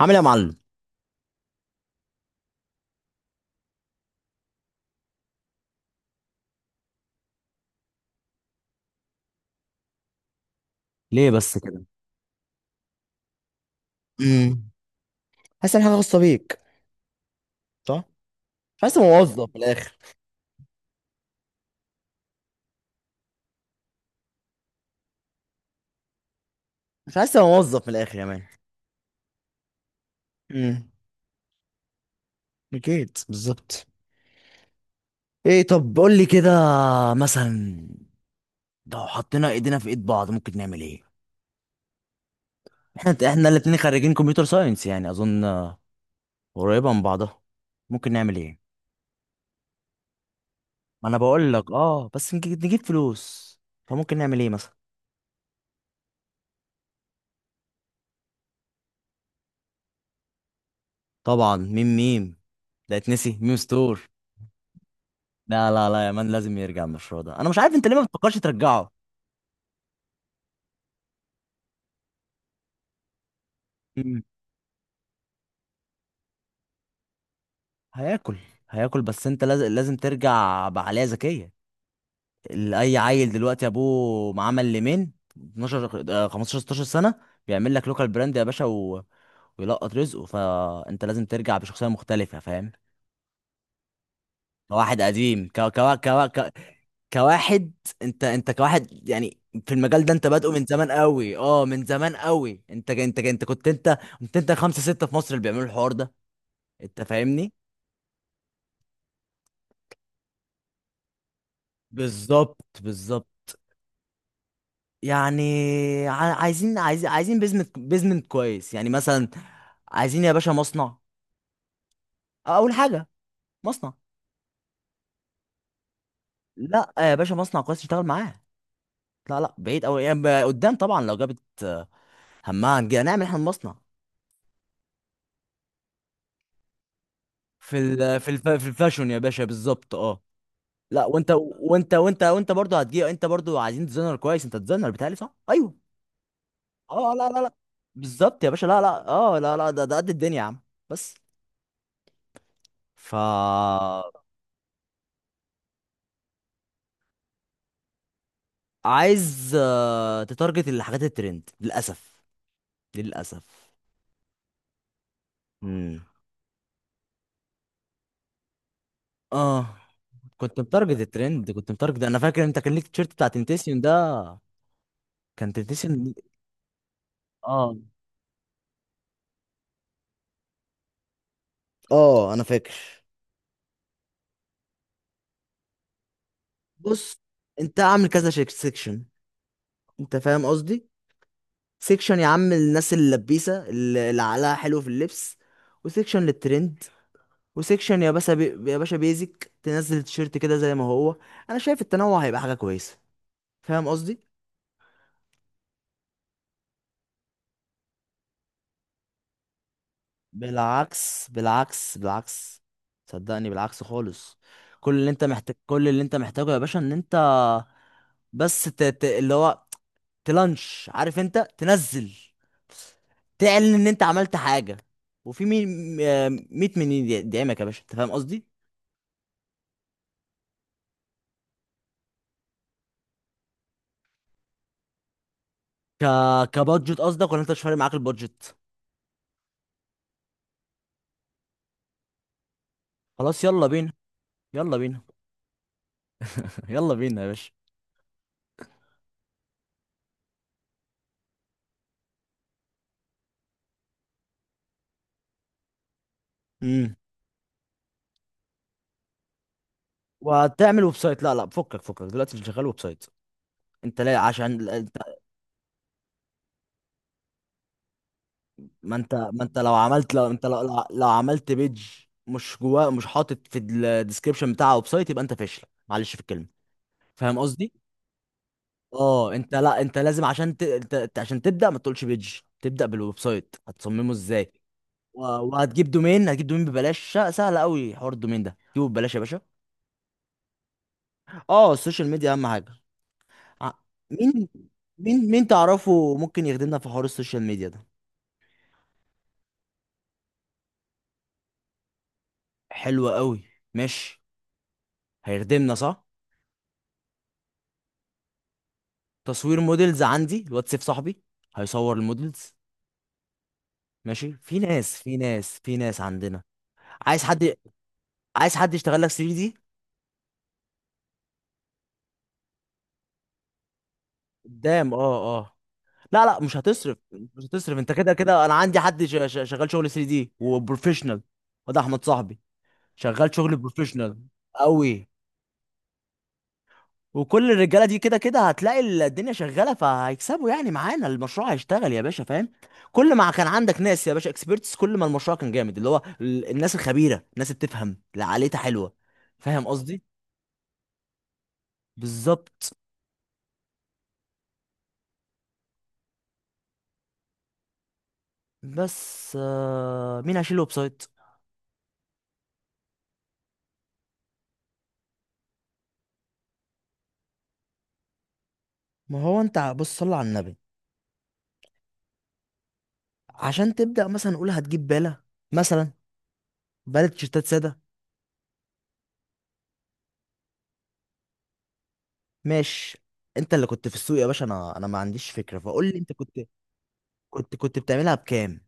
عامل ايه يا معلم؟ ليه بس كده؟ امم حاسس ان حاجه خاصه بيك. صح. مش حاسس إني موظف من الاخر. مش حاسس إني موظف من الاخر يا مان. امم اكيد، بالظبط. ايه، طب قول لي كده، مثلا لو حطينا ايدينا في ايد بعض ممكن نعمل ايه؟ احنا الاتنين خريجين كمبيوتر ساينس، يعني اظن قريبه من بعضها. ممكن نعمل ايه؟ ما انا بقول لك اه، بس نجيب فلوس. فممكن نعمل ايه مثلا؟ طبعا، ميم ميم، ده اتنسي ميم ستور. لا لا لا يا مان، لازم يرجع المشروع ده. انا مش عارف انت ليه ما بتفكرش ترجعه. مم. هياكل. هياكل، بس انت لازم ترجع بعقلية ذكية. اي عيل دلوقتي ابوه معاه ليمين 12 15 16 سنة بيعمل لك لوكال براند يا باشا ويلقط رزقه. فانت لازم ترجع بشخصية مختلفة، فاهم؟ كواحد قديم، كواحد. انت كواحد يعني في المجال ده انت بادئه من زمان قوي، اه من زمان قوي، انت كنت خمسة ستة في مصر اللي بيعملوا الحوار ده. انت فاهمني. بالظبط بالظبط. يعني عايزين عايزين بيزمنت كويس يعني، مثلا عايزين يا باشا مصنع. اول حاجة مصنع. لا يا باشا، مصنع كويس تشتغل معاه. لا لا، بعيد قوي يعني، قدام طبعا لو جابت همها هنعمل احنا مصنع. في ال في الف في الفاشون يا باشا، بالظبط اه. لا، وانت وانت برضه هتجيب. انت برضه عايزين ديزاينر كويس. انت ديزاينر بتهيألي، صح؟ ايوه. اه لا لا لا، بالظبط يا باشا. لا لا اه لا لا، ده قد الدنيا يا عم. بس ف عايز تتارجت الحاجات الترند، للاسف، للاسف. امم اه. كنت متارجت الترند، كنت متارجت. انا فاكر انت كان ليك التيشيرت بتاع تنتسيون ده. كان تنتسيون. اه. اه انا فاكر. بص، انت عامل كذا سيكشن. انت فاهم قصدي؟ سيكشن يا عم الناس اللبيسه اللي عقلها حلو في اللبس، وسيكشن للترند، وسيكشن يا باشا يا باشا بيزك تنزل التيشيرت كده زي ما هو. انا شايف التنوع هيبقى حاجه كويسه. فاهم قصدي؟ بالعكس بالعكس بالعكس، صدقني بالعكس خالص. كل اللي انت محتاجه يا باشا ان انت بس ت... ت... اللي هو تلانش، عارف، انت تنزل تعلن ان انت عملت حاجه. وفي مين؟ 100 مليون دعمك يا باشا، انت فاهم قصدي. ك كبادجت قصدك ولا انت مش فارق معاك البادجت؟ خلاص، يلا بينا. يلا بينا. يلا بينا يا باشا. امم وهتعمل ويب سايت؟ لا لا، فكك فكك دلوقتي، مش شغال ويب سايت. انت لا، عشان انت. ما انت ما انت لو عملت لو انت لو, لو لو عملت بيج مش جواه، مش حاطط في الديسكربشن بتاعها ويب سايت، يبقى انت فاشل، معلش في الكلمه. فاهم قصدي؟ اه انت لا، انت لازم عشان عشان تبدا، ما تقولش بيج، تبدا بالويب سايت، هتصممه ازاي؟ وهتجيب دومين. هتجيب دومين ببلاش، سهل قوي حوار الدومين ده، جيبه ببلاش يا باشا. اه، السوشيال ميديا اهم حاجه. ع- مين؟ مين تعرفه ممكن يخدمنا في حوار السوشيال ميديا ده؟ حلو قوي. ماشي. هيخدمنا، صح. تصوير موديلز، عندي الواتساب صاحبي، هيصور الموديلز. ماشي، في ناس عندنا. عايز حد. عايز حد يشتغل لك 3D دي. قدام اه. اه لا لا، مش هتصرف. انت كده كده انا عندي حد شغال شغل 3D دي وبروفيشنال. وده احمد صاحبي، شغال شغل بروفيشنال قوي. وكل الرجاله دي كده كده هتلاقي الدنيا شغاله، فهيكسبوا يعني معانا. المشروع هيشتغل يا باشا، فاهم. كل ما كان عندك ناس يا باشا اكسبيرتس، كل ما المشروع كان جامد، اللي هو الناس الخبيره، الناس اللي بتفهم، اللي عقليتها حلوه. فاهم قصدي؟ بالظبط. بس مين هيشيل الويب سايت؟ ما هو انت بص، صل على النبي. عشان تبدأ مثلا، نقول هتجيب بالة، مثلا بالة تيشيرتات سادة. ماشي. انت اللي كنت في السوق يا باشا، انا انا ما عنديش فكرة، فقول لي انت كنت. كنت بتعملها بكام؟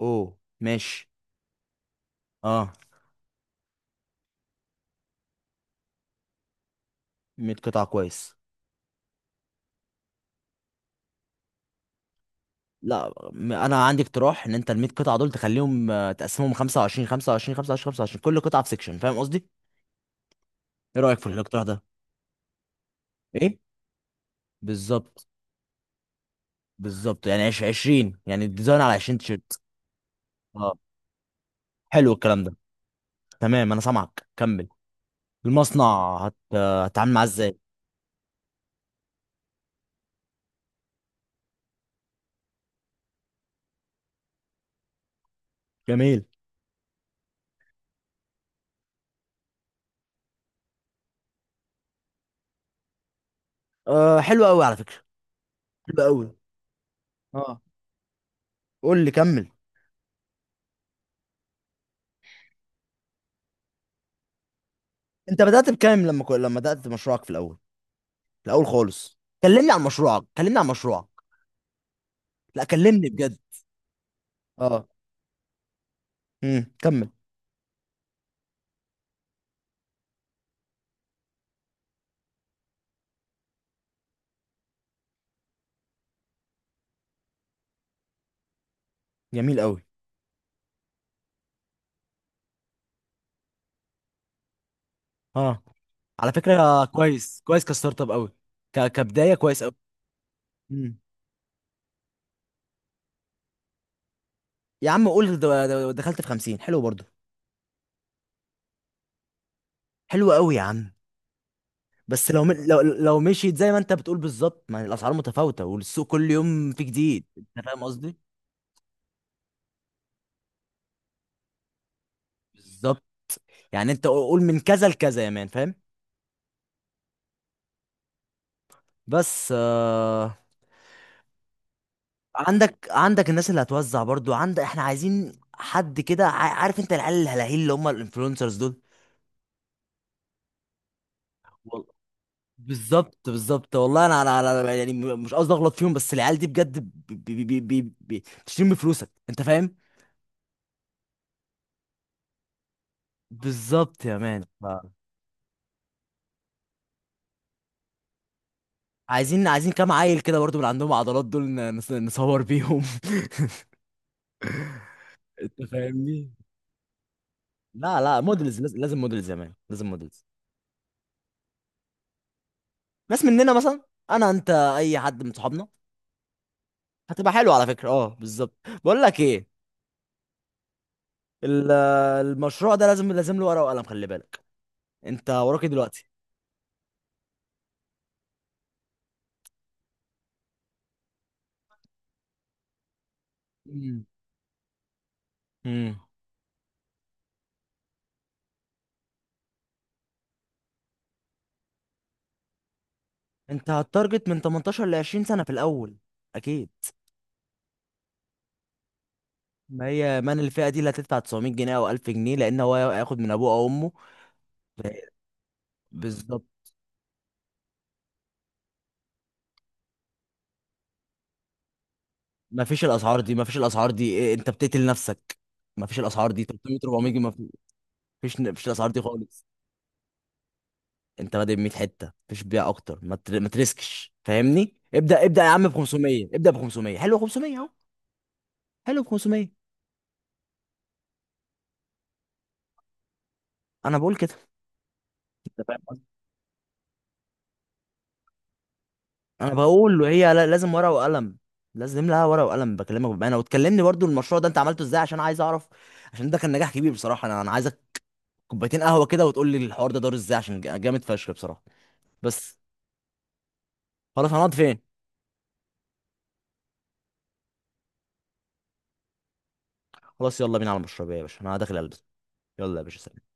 اوه. ماشي. اه. 100 قطعة كويس. لا، انا عندي اقتراح ان انت ال 100 قطعة دول تخليهم تقسمهم 25 25 25 25، كل قطعة في سيكشن، فاهم قصدي؟ ايه رأيك في الاقتراح ده؟ ايه؟ بالظبط بالظبط يعني 20 يعني الديزاين على 20 تيشيرت. اه، حلو الكلام ده. تمام، انا سامعك، كمل. المصنع هتتعامل معاه ازاي؟ جميل. أه حلو قوي على فكره. حلو قوي. اه. قول لي، كمل. انت بدات بكام لما لما بدات مشروعك في الاول؟ في الاول خالص كلمني عن مشروعك، كلمني عن مشروعك. لا كلمني بجد. اه. كمل. جميل قوي. اه على فكره كويس كويس كستارت اب قوي. كبدايه كويس قوي. مم. يا عم قول، دخلت في 50، حلو برضه. حلو قوي يا عم. بس لو لو مشيت زي ما انت بتقول بالظبط. ما الاسعار متفاوته والسوق كل يوم في جديد، انت فاهم قصدي. بالظبط. يعني انت قول من كذا لكذا يا مان، فاهم. بس آه. عندك. عندك الناس اللي هتوزع برضو عندك. احنا عايزين حد كده، عارف انت العيال الهلاهيل اللي هم الانفلونسرز دول. وال- بالظبط بالظبط. والله انا يعني مش قصدي اغلط فيهم، بس العيال دي بجد بتشتري من فلوسك، انت فاهم. بالظبط يا مان. عايزين كام عيل كده برضو من عندهم عضلات دول نصور بيهم. انت فاهمني. لا لا، مودلز لازم مودلز يا مان، لازم مودلز. ناس مننا مثلا، انا انت، اي حد من صحابنا. هتبقى حلو على فكره، اه بالظبط. بقول لك ايه؟ ال- المشروع ده لازم له ورقه وقلم، خلي بالك. انت وراك إيه دلوقتي؟ امم امم انت هتارجت من 18 ل 20 سنه في الاول. اكيد. ما هي مان الفئه دي اللي هتدفع 900 جنيه او 1000 جنيه، لان هو هياخد من ابوه او امه. بالظبط. ما فيش الاسعار دي، ما فيش الاسعار دي إيه، انت بتقتل نفسك. ما فيش الاسعار دي 300 400 جنيه. ما فيش الاسعار دي خالص. انت بادئ ب 100 حته، ما فيش بيع اكتر، ما تريسكش، فاهمني، ابدا ابدا يا عم، ب 500، ابدا ب 500، حلو 500، اهو. حلو، ب 500. انا بقول كده. انت فاهم قصدي. انا بقول وهي لازم ورقه وقلم. لازم لها ورقه وقلم. بكلمك بامانه، وتكلمني برضو المشروع ده انت عملته ازاي، عشان عايز اعرف، عشان ده كان نجاح كبير بصراحه. انا انا عايزك كوبايتين قهوه كده، وتقول لي الحوار ده دار ازاي، عشان جامد فشخ بصراحه. بس، خلاص هنقعد فين؟ خلاص يلا بينا على المشروع يا باشا، انا داخل البس. يلا يا باشا، سلام.